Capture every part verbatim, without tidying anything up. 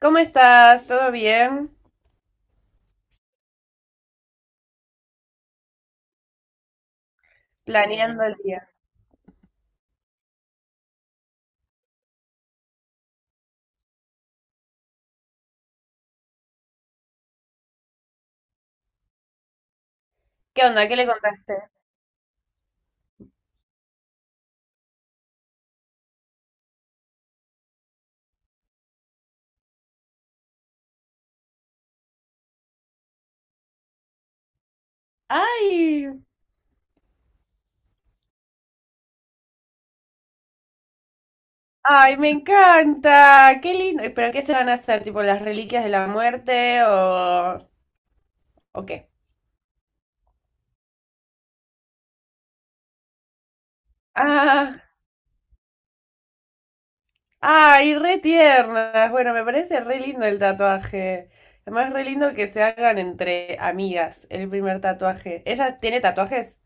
¿Cómo estás? ¿Todo bien? Planeando el día. ¿Qué onda? ¿Qué le contaste? ¡Ay! ¡Ay, me encanta! ¡Qué lindo! ¿Y ¿Pero qué se van a hacer? ¿Tipo las reliquias de la muerte o, o qué? ¡Ah! ¡Ay, re tiernas! Bueno, me parece re lindo el tatuaje. Además, re lindo que se hagan entre amigas el primer tatuaje. ¿Ella tiene tatuajes?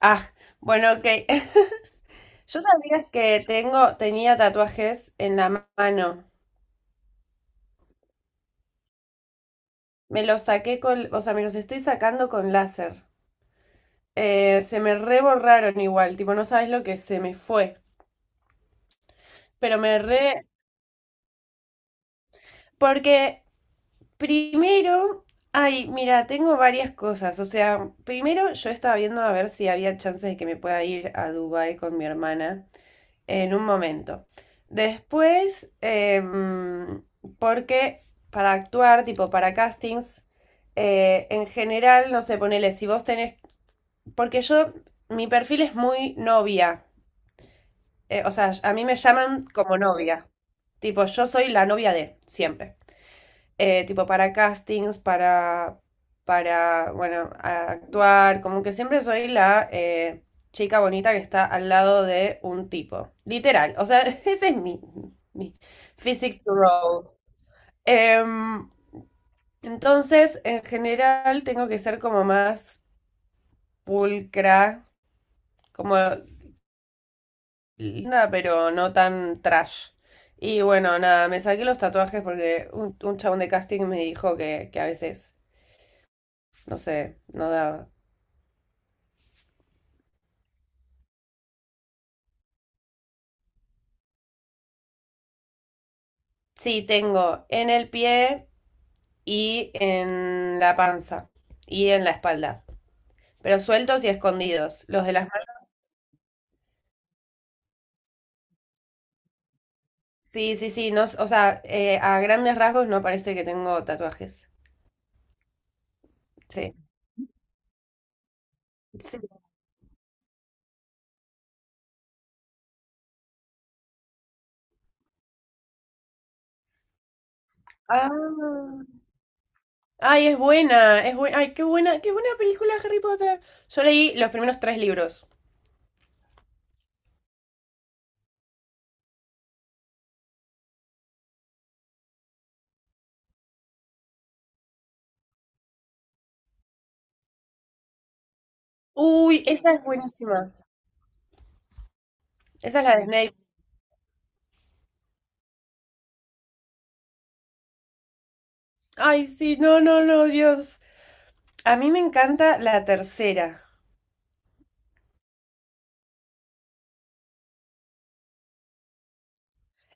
Ah, bueno, ok. Yo sabía que tengo, tenía tatuajes en la mano. Me los saqué con, o sea, me los estoy sacando con láser. Eh, se me reborraron igual, tipo, no sabes lo que se me fue. Pero me re... Porque primero, ay, mira, tengo varias cosas. O sea, primero yo estaba viendo a ver si había chances de que me pueda ir a Dubai con mi hermana en un momento. Después, em, porque para actuar, tipo, para castings, eh, en general, no sé, ponele, si vos tenés. Porque yo, mi perfil es muy novia. Eh, o sea, a mí me llaman como novia. Tipo, yo soy la novia de, siempre. Eh, tipo, para castings, para, para, bueno, a- actuar. Como que siempre soy la eh, chica bonita que está al lado de un tipo. Literal. O sea, ese es mi, mi physique to roll. Em, entonces, en general, tengo que ser como más pulcra, como linda, pero no tan trash. Y bueno, nada, me saqué los tatuajes porque un, un chabón de casting me dijo que, que a veces, no sé, no daba. Sí, tengo en el pie y en la panza y en la espalda, pero sueltos y escondidos. Los de las manos, sí, sí, sí, no, s- o sea, eh, a grandes rasgos no parece que tengo tatuajes. Sí. Sí. Ah. Ay, es buena, es buena. Ay, qué buena, qué buena película Harry Potter. Yo leí los primeros tres libros. Uy, esa es buenísima. Esa es la de Snape. Ay, sí, no, no, no, Dios. A mí me encanta la tercera.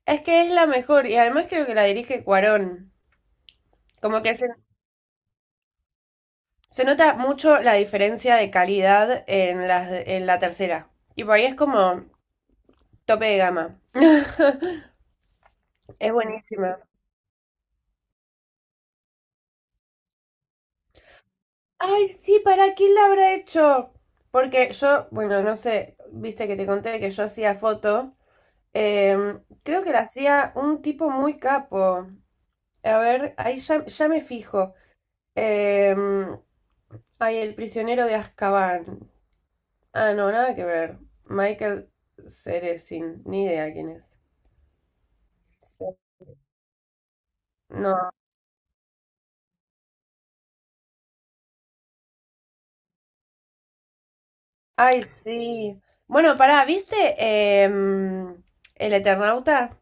Es que es la mejor y además creo que la dirige Cuarón. Como que se, se nota mucho la diferencia de calidad en las de- en la tercera. Y por ahí es como tope de gama. Es buenísima. Ay, sí, ¿para quién la habrá hecho? Porque yo, bueno, no sé, viste que te conté que yo hacía foto. Em, creo que la hacía un tipo muy capo. A ver, ahí ya, ya me fijo. Eh, ay, El prisionero de Azkaban. Ah, no, nada que ver. Michael Ceresin, ni idea quién es. Sí. No. Ay, sí. Bueno, pará, ¿viste em, El Eternauta?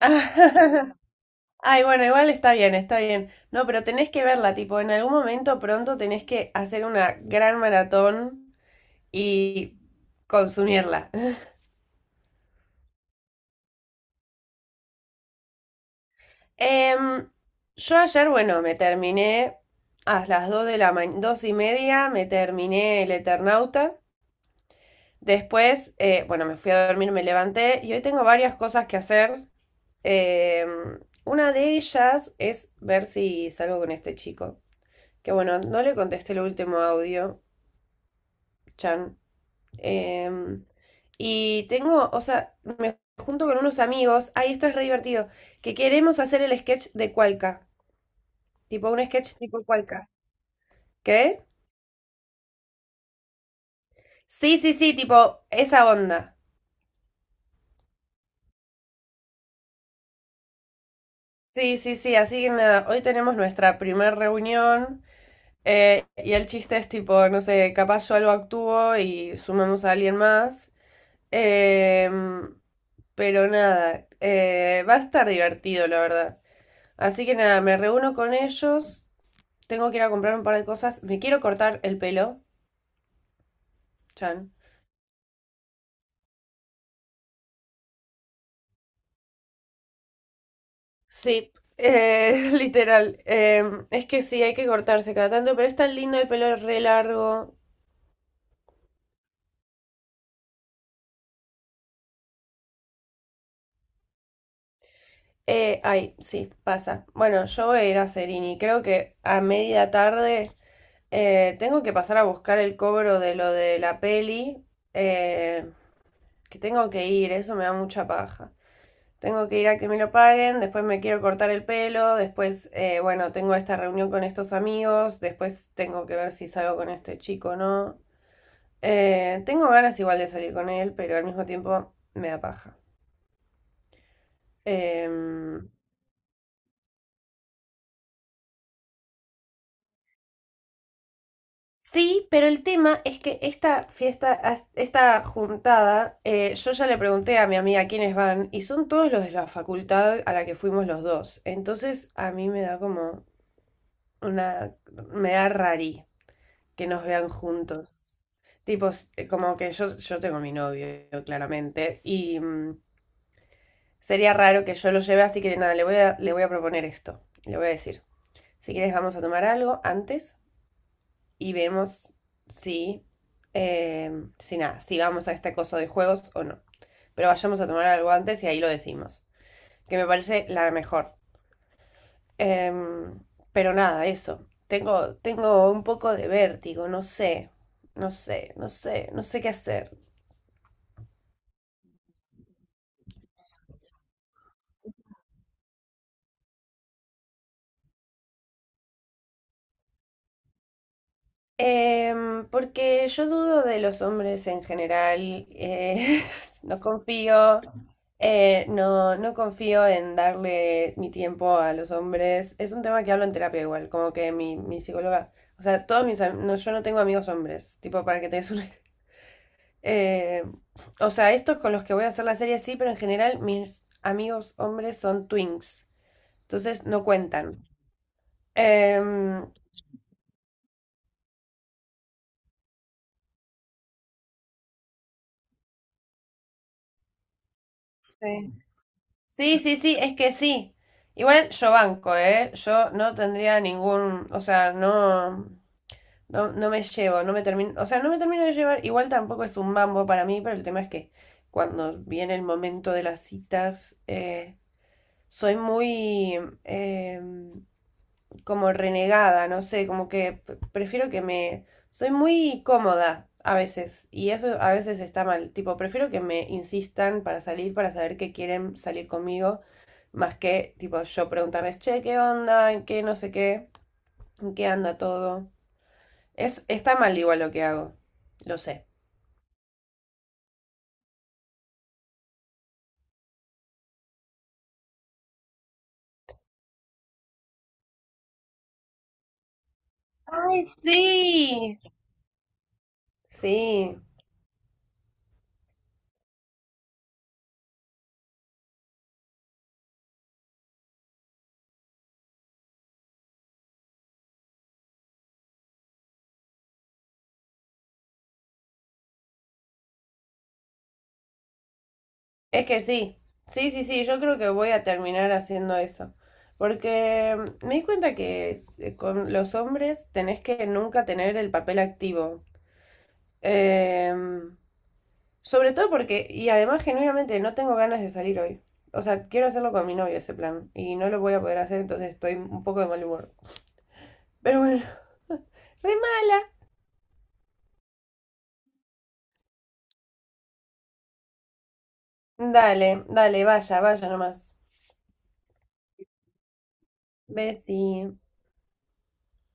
Ay, bueno, igual está bien, está bien. No, pero tenés que verla, tipo, en algún momento pronto tenés que hacer una gran maratón y consumirla. Em, yo ayer, bueno, me terminé a las dos de la mañana, dos y media, me terminé el Eternauta. Después, eh, bueno, me fui a dormir, me levanté y hoy tengo varias cosas que hacer. Em, una de ellas es ver si salgo con este chico. Que bueno, no le contesté el último audio. Chan. Em, y tengo, o sea, me junto con unos amigos. Ay, esto es re divertido. Que queremos hacer el sketch de Cualca. Tipo, un sketch tipo Cualca. ¿Qué? Sí, sí, sí, tipo, esa onda. Sí, sí, sí, así que nada, hoy tenemos nuestra primer reunión, eh, y el chiste es tipo, no sé, capaz yo algo actúo y sumamos a alguien más. Em, pero nada, eh, va a estar divertido, la verdad. Así que nada, me reúno con ellos, tengo que ir a comprar un par de cosas, me quiero cortar el pelo. Chan. Sí, eh, literal, em, es que sí, hay que cortarse cada tanto, pero es tan lindo el pelo re largo. Eh, ay, sí, pasa. Bueno, yo voy a ir a Serini. Creo que a media tarde eh, tengo que pasar a buscar el cobro de lo de la peli. eh, que tengo que ir, eso me da mucha paja. Tengo que ir a que me lo paguen, después me quiero cortar el pelo, después, eh, bueno, tengo esta reunión con estos amigos, después tengo que ver si salgo con este chico o no. Eh, tengo ganas igual de salir con él, pero al mismo tiempo me da paja. Em, Sí, pero el tema es que esta fiesta, as- esta juntada, eh, yo ya le pregunté a mi amiga quiénes van y son todos los de la facultad a la que fuimos los dos. Entonces a mí me da como una, me da rari que nos vean juntos. Tipo, s- eh, como que yo, yo tengo mi novio, claramente, y mm, sería raro que yo lo lleve, así que nada, le voy a, le voy a proponer esto. Le voy a decir, si quieres vamos a tomar algo antes, y vemos si, eh, si nada, si vamos a este coso de juegos o no. Pero vayamos a tomar algo antes y ahí lo decimos, que me parece la mejor. Em, pero nada, eso. Tengo, tengo un poco de vértigo, no sé, no sé, no sé, no sé qué hacer. Em, porque yo dudo de los hombres en general, eh, no confío, eh, no, no confío en darle mi tiempo a los hombres. Es un tema que hablo en terapia igual, como que mi, mi psicóloga, o sea, todos mis am- no, yo no tengo amigos hombres, tipo para que te des una... Eh, o sea, estos con los que voy a hacer la serie sí, pero en general mis amigos hombres son twins, entonces no cuentan. Em. Sí. Sí, sí, sí, es que sí. Igual yo banco, ¿eh? Yo no tendría ningún, o sea, no, no, no me llevo, no me termino, o sea, no me termino de llevar, igual tampoco es un mambo para mí, pero el tema es que cuando viene el momento de las citas, eh, soy muy, em, como renegada, no sé, como que prefiero que me... Soy muy cómoda a veces y eso a veces está mal, tipo, prefiero que me insistan para salir, para saber que quieren salir conmigo, más que tipo yo preguntarles, che, ¿qué onda? ¿En qué no sé qué? ¿En qué anda todo? Es, está mal igual lo que hago, lo sé. Ay, sí. Sí. Es que sí, sí, sí, sí, yo creo que voy a terminar haciendo eso. Porque mm, me di cuenta que eh, con los hombres tenés que nunca tener el papel activo. Em, Sobre todo porque, y además genuinamente no tengo ganas de salir hoy. O sea, quiero hacerlo con mi novio ese plan. Y no lo voy a poder hacer, entonces estoy un poco de mal humor. Pero bueno, re mala. Dale, dale, vaya, vaya nomás. Besí.